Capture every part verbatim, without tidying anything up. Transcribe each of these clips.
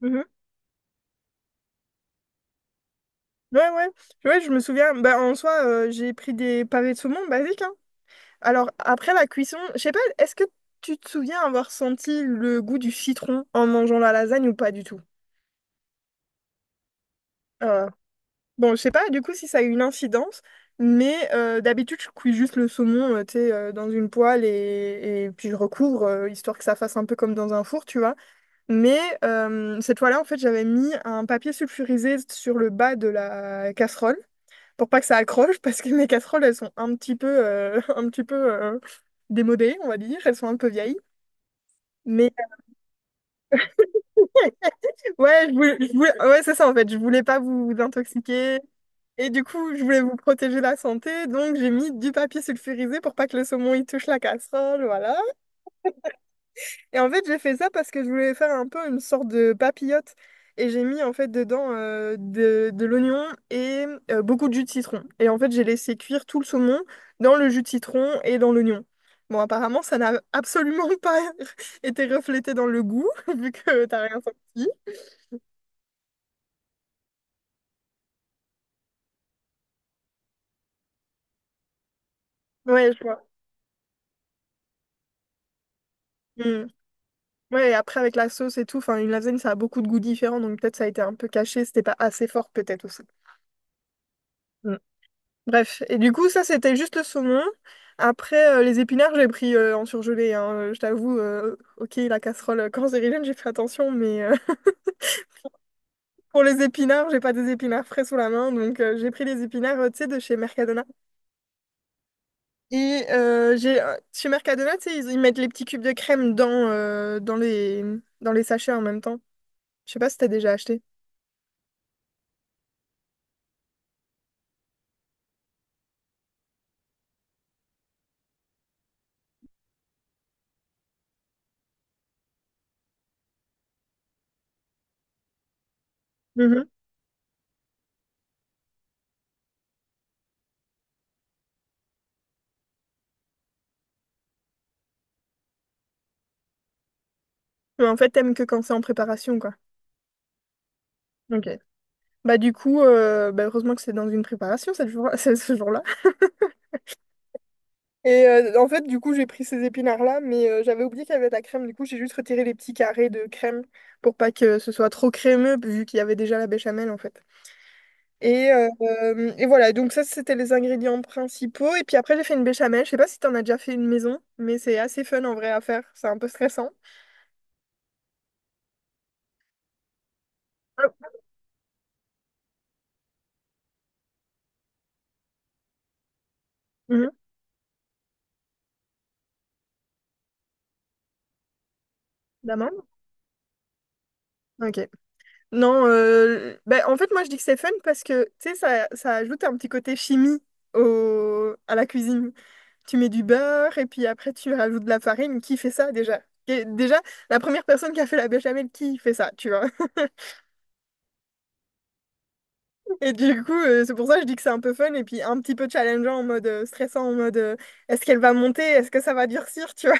Mhm. Ouais, ouais. Ouais, je me souviens. Bah, en soi, euh, j'ai pris des pavés de saumon basiques, hein. Alors, après la cuisson, je sais pas, est-ce que tu te souviens avoir senti le goût du citron en mangeant la lasagne ou pas du tout? Euh, bon, je sais pas du coup si ça a eu une incidence, mais euh, d'habitude, je cuis juste le saumon, euh, tu sais, euh, dans une poêle et, et puis je recouvre, euh, histoire que ça fasse un peu comme dans un four, tu vois. Mais euh, cette fois-là, en fait, j'avais mis un papier sulfurisé sur le bas de la casserole, pour pas que ça accroche, parce que mes casseroles, elles sont un petit peu, euh, un petit peu euh, démodées, on va dire. Elles sont un peu vieilles. Mais ouais, je voulais- je voulais- ouais, c'est ça en fait. Je voulais pas vous intoxiquer. Et du coup, je voulais vous protéger la santé. Donc, j'ai mis du papier sulfurisé pour pas que le saumon y touche la casserole. Voilà. Et en fait, j'ai fait ça parce que je voulais faire un peu une sorte de papillote. Et j'ai mis en fait dedans euh, de, de l'oignon et euh, beaucoup de jus de citron. Et en fait, j'ai laissé cuire tout le saumon dans le jus de citron et dans l'oignon. Bon, apparemment, ça n'a absolument pas été reflété dans le goût, vu que t'as rien senti. Ouais, je vois. Mm. Ouais, et après, avec la sauce et tout, enfin, une lasagne, ça a beaucoup de goûts différents, donc peut-être ça a été un peu caché, c'était pas assez fort, peut-être aussi. Bref, et du coup, ça, c'était juste le saumon. Après, euh, les épinards, j'ai pris euh, en surgelé, hein. Euh, Je t'avoue, euh, ok, la casserole, euh, quand j'étais jeune, j'ai fait attention, mais euh, pour les épinards, j'ai pas des épinards frais sous la main. Donc, euh, j'ai pris les épinards, euh, tu sais, de chez Mercadona. Et euh, j'ai, euh, chez Mercadona, tu sais, ils, ils mettent les petits cubes de crème dans, euh, dans les, dans les sachets en même temps. Je sais pas si t'as déjà acheté. Mhm. Mais en fait, t'aimes que quand c'est en préparation, quoi. Ok. Bah, du coup, euh, bah, heureusement que c'est dans une préparation cette jour- ce jour-là. Et euh, en fait, du coup, j'ai pris ces épinards-là, mais euh, j'avais oublié qu'il y avait de la crème. Du coup, j'ai juste retiré les petits carrés de crème pour pas que ce soit trop crémeux, vu qu'il y avait déjà la béchamel, en fait. Et, euh, euh, et voilà, donc ça, c'était les ingrédients principaux. Et puis après, j'ai fait une béchamel. Je sais pas si t'en as déjà fait une maison, mais c'est assez fun en vrai à faire. C'est un peu stressant. Ah, mhm. D'amande? Ok. Non, euh, ben, en fait, moi, je dis que c'est fun parce que, tu sais, ça, ça ajoute un petit côté chimie au, à la cuisine. Tu mets du beurre et puis après, tu rajoutes de la farine. Qui fait ça déjà? Et déjà, la première personne qui a fait la béchamel, qui fait ça, tu vois? Et du coup, euh, c'est pour ça que je dis que c'est un peu fun et puis un petit peu challengeant en mode euh, stressant, en mode euh, est-ce qu'elle va monter? Est-ce que ça va durcir? Tu vois?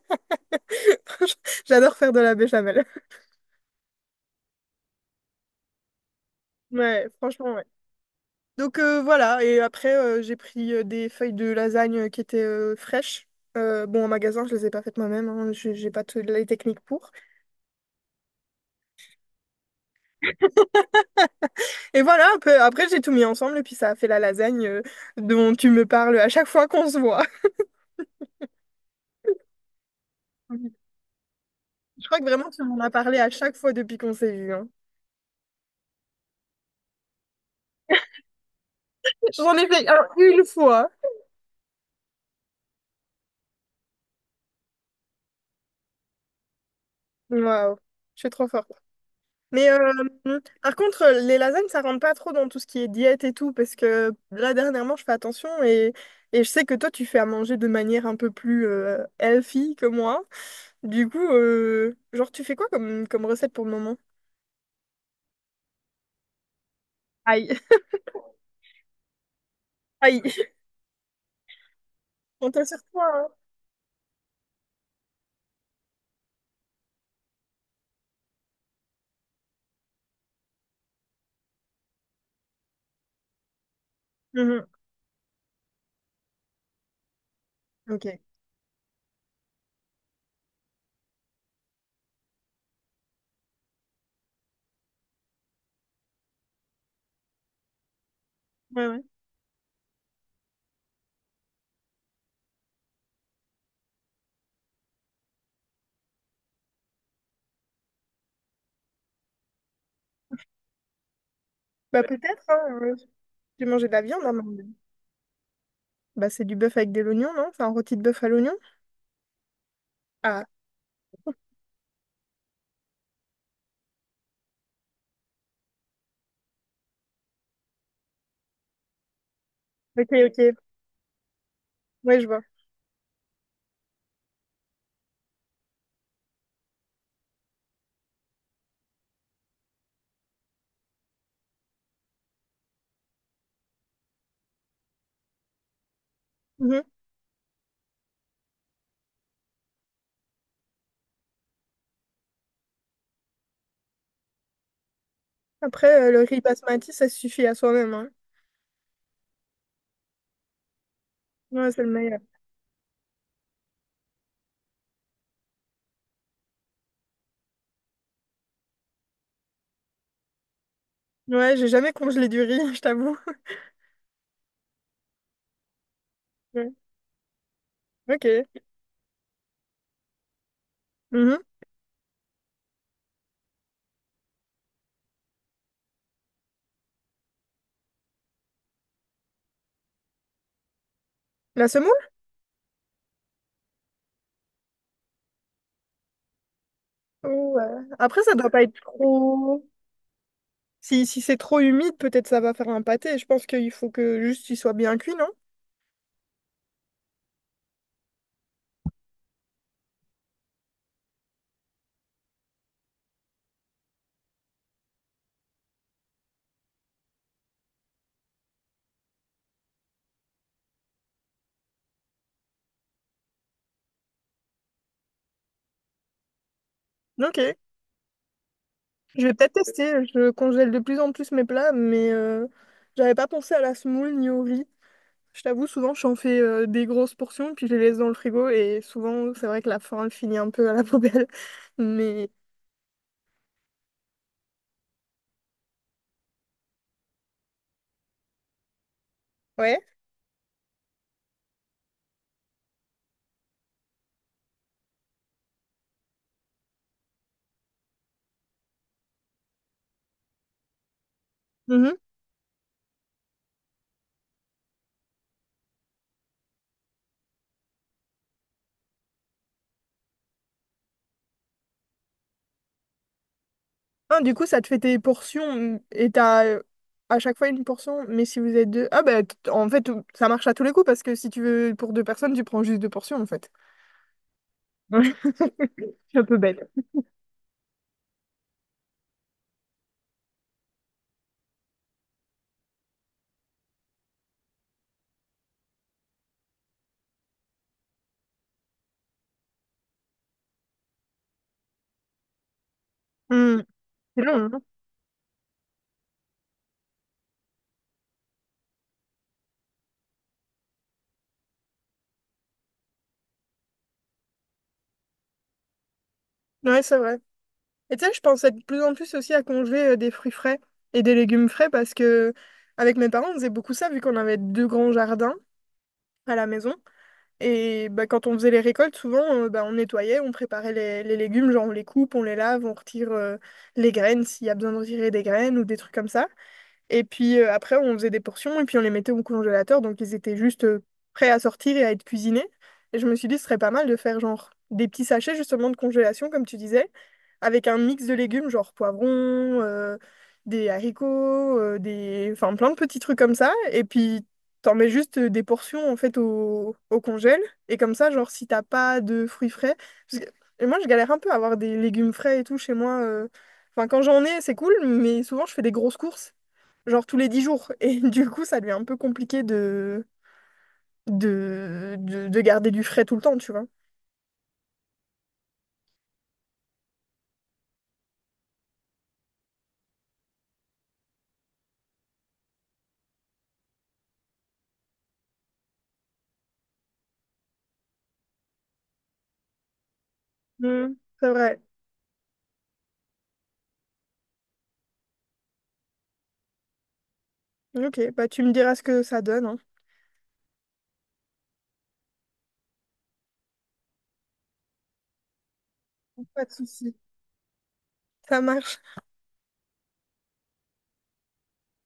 Franchement, j'adore faire de la béchamel. Ouais, franchement, ouais. Donc euh, voilà, et après euh, j'ai pris euh, des feuilles de lasagne euh, qui étaient euh, fraîches. Euh, bon, en magasin, je les ai pas faites moi-même, hein, j'ai j'ai pas toutes les techniques pour. Et voilà, un peu- après j'ai tout mis ensemble et puis ça a fait la lasagne euh, dont tu me parles à chaque fois qu'on se voit. Je crois que vraiment tu m'en as parlé à chaque fois depuis qu'on s'est vu, hein. J'en ai fait alors, une fois. Waouh, je suis trop forte. Mais euh, par contre, euh, les lasagnes, ça rentre pas trop dans tout ce qui est diète et tout, parce que là, dernièrement, je fais attention et, et je sais que toi, tu fais à manger de manière un peu plus euh, healthy que moi. Du coup, euh, genre, tu fais quoi comme, comme recette pour le moment? Aïe, aïe, on t'a sur toi, hein. Mhm. Ok, ouais, ouais. Bah, peut-être, hein, euh, j'ai mangé de la viande, hein, mais- Bah, c'est du bœuf avec des oignons, non? C'est un rôti de bœuf à l'oignon? Ah, ok, ok, ouais, je vois. Mhm. Après, euh, le riz basmati, ça suffit à soi-même, hein. Ouais, c'est le meilleur. Ouais, j'ai jamais congelé du riz, je t'avoue. Ouais. Ok. Mhm. La semoule? Ou, euh, après, ça doit pas être trop... Si, si c'est trop humide, peut-être ça va faire un pâté. Je pense qu'il faut que juste il soit bien cuit, non? Ok. Je vais peut-être tester. Je congèle de plus en plus mes plats, mais euh, j'avais pas pensé à la semoule ni au riz. Je t'avoue, souvent, j'en fais euh, des grosses portions, puis je les laisse dans le frigo, et souvent, c'est vrai que la fin elle finit un peu à la poubelle. Mais... Ouais. Mhm. Ah, du coup, ça te fait tes portions mm, et t'as euh, à chaque fois une portion, mais si vous êtes deux... Ah bah, t- en fait, ça marche à tous les coups parce que si tu veux pour deux personnes, tu prends juste deux portions, en fait. Ouais, c'est un peu bête. Hmm. C'est long, hein? Ouais, c'est vrai. Et tu sais, je pense de plus en plus aussi à congeler euh, des fruits frais et des légumes frais parce que avec mes parents, on faisait beaucoup ça vu qu'on avait deux grands jardins à la maison. Et bah, quand on faisait les récoltes, souvent, euh, bah, on nettoyait, on préparait les, les légumes, genre on les coupe, on les lave, on retire euh, les graines s'il y a besoin de retirer des graines ou des trucs comme ça. Et puis euh, après, on faisait des portions et puis on les mettait au congélateur. Donc ils étaient juste euh, prêts à sortir et à être cuisinés. Et je me suis dit, ce serait pas mal de faire genre des petits sachets justement de congélation, comme tu disais, avec un mix de légumes, genre poivrons, euh, des haricots, euh, des... enfin plein de petits trucs comme ça. Et puis t'en mets juste euh, des portions en fait au, au congèle. Et comme ça, genre si t'as pas de fruits frais, parce que- Et moi, je galère un peu à avoir des légumes frais et tout chez moi, euh. Enfin, quand j'en ai, c'est cool, mais souvent je fais des grosses courses genre tous les dix jours. Et du coup, ça lui est un peu compliqué de, de, de, de garder du frais tout le temps, tu vois. Mm, c'est vrai. Ok, bah tu me diras ce que ça donne, hein. Pas de souci. Ça marche.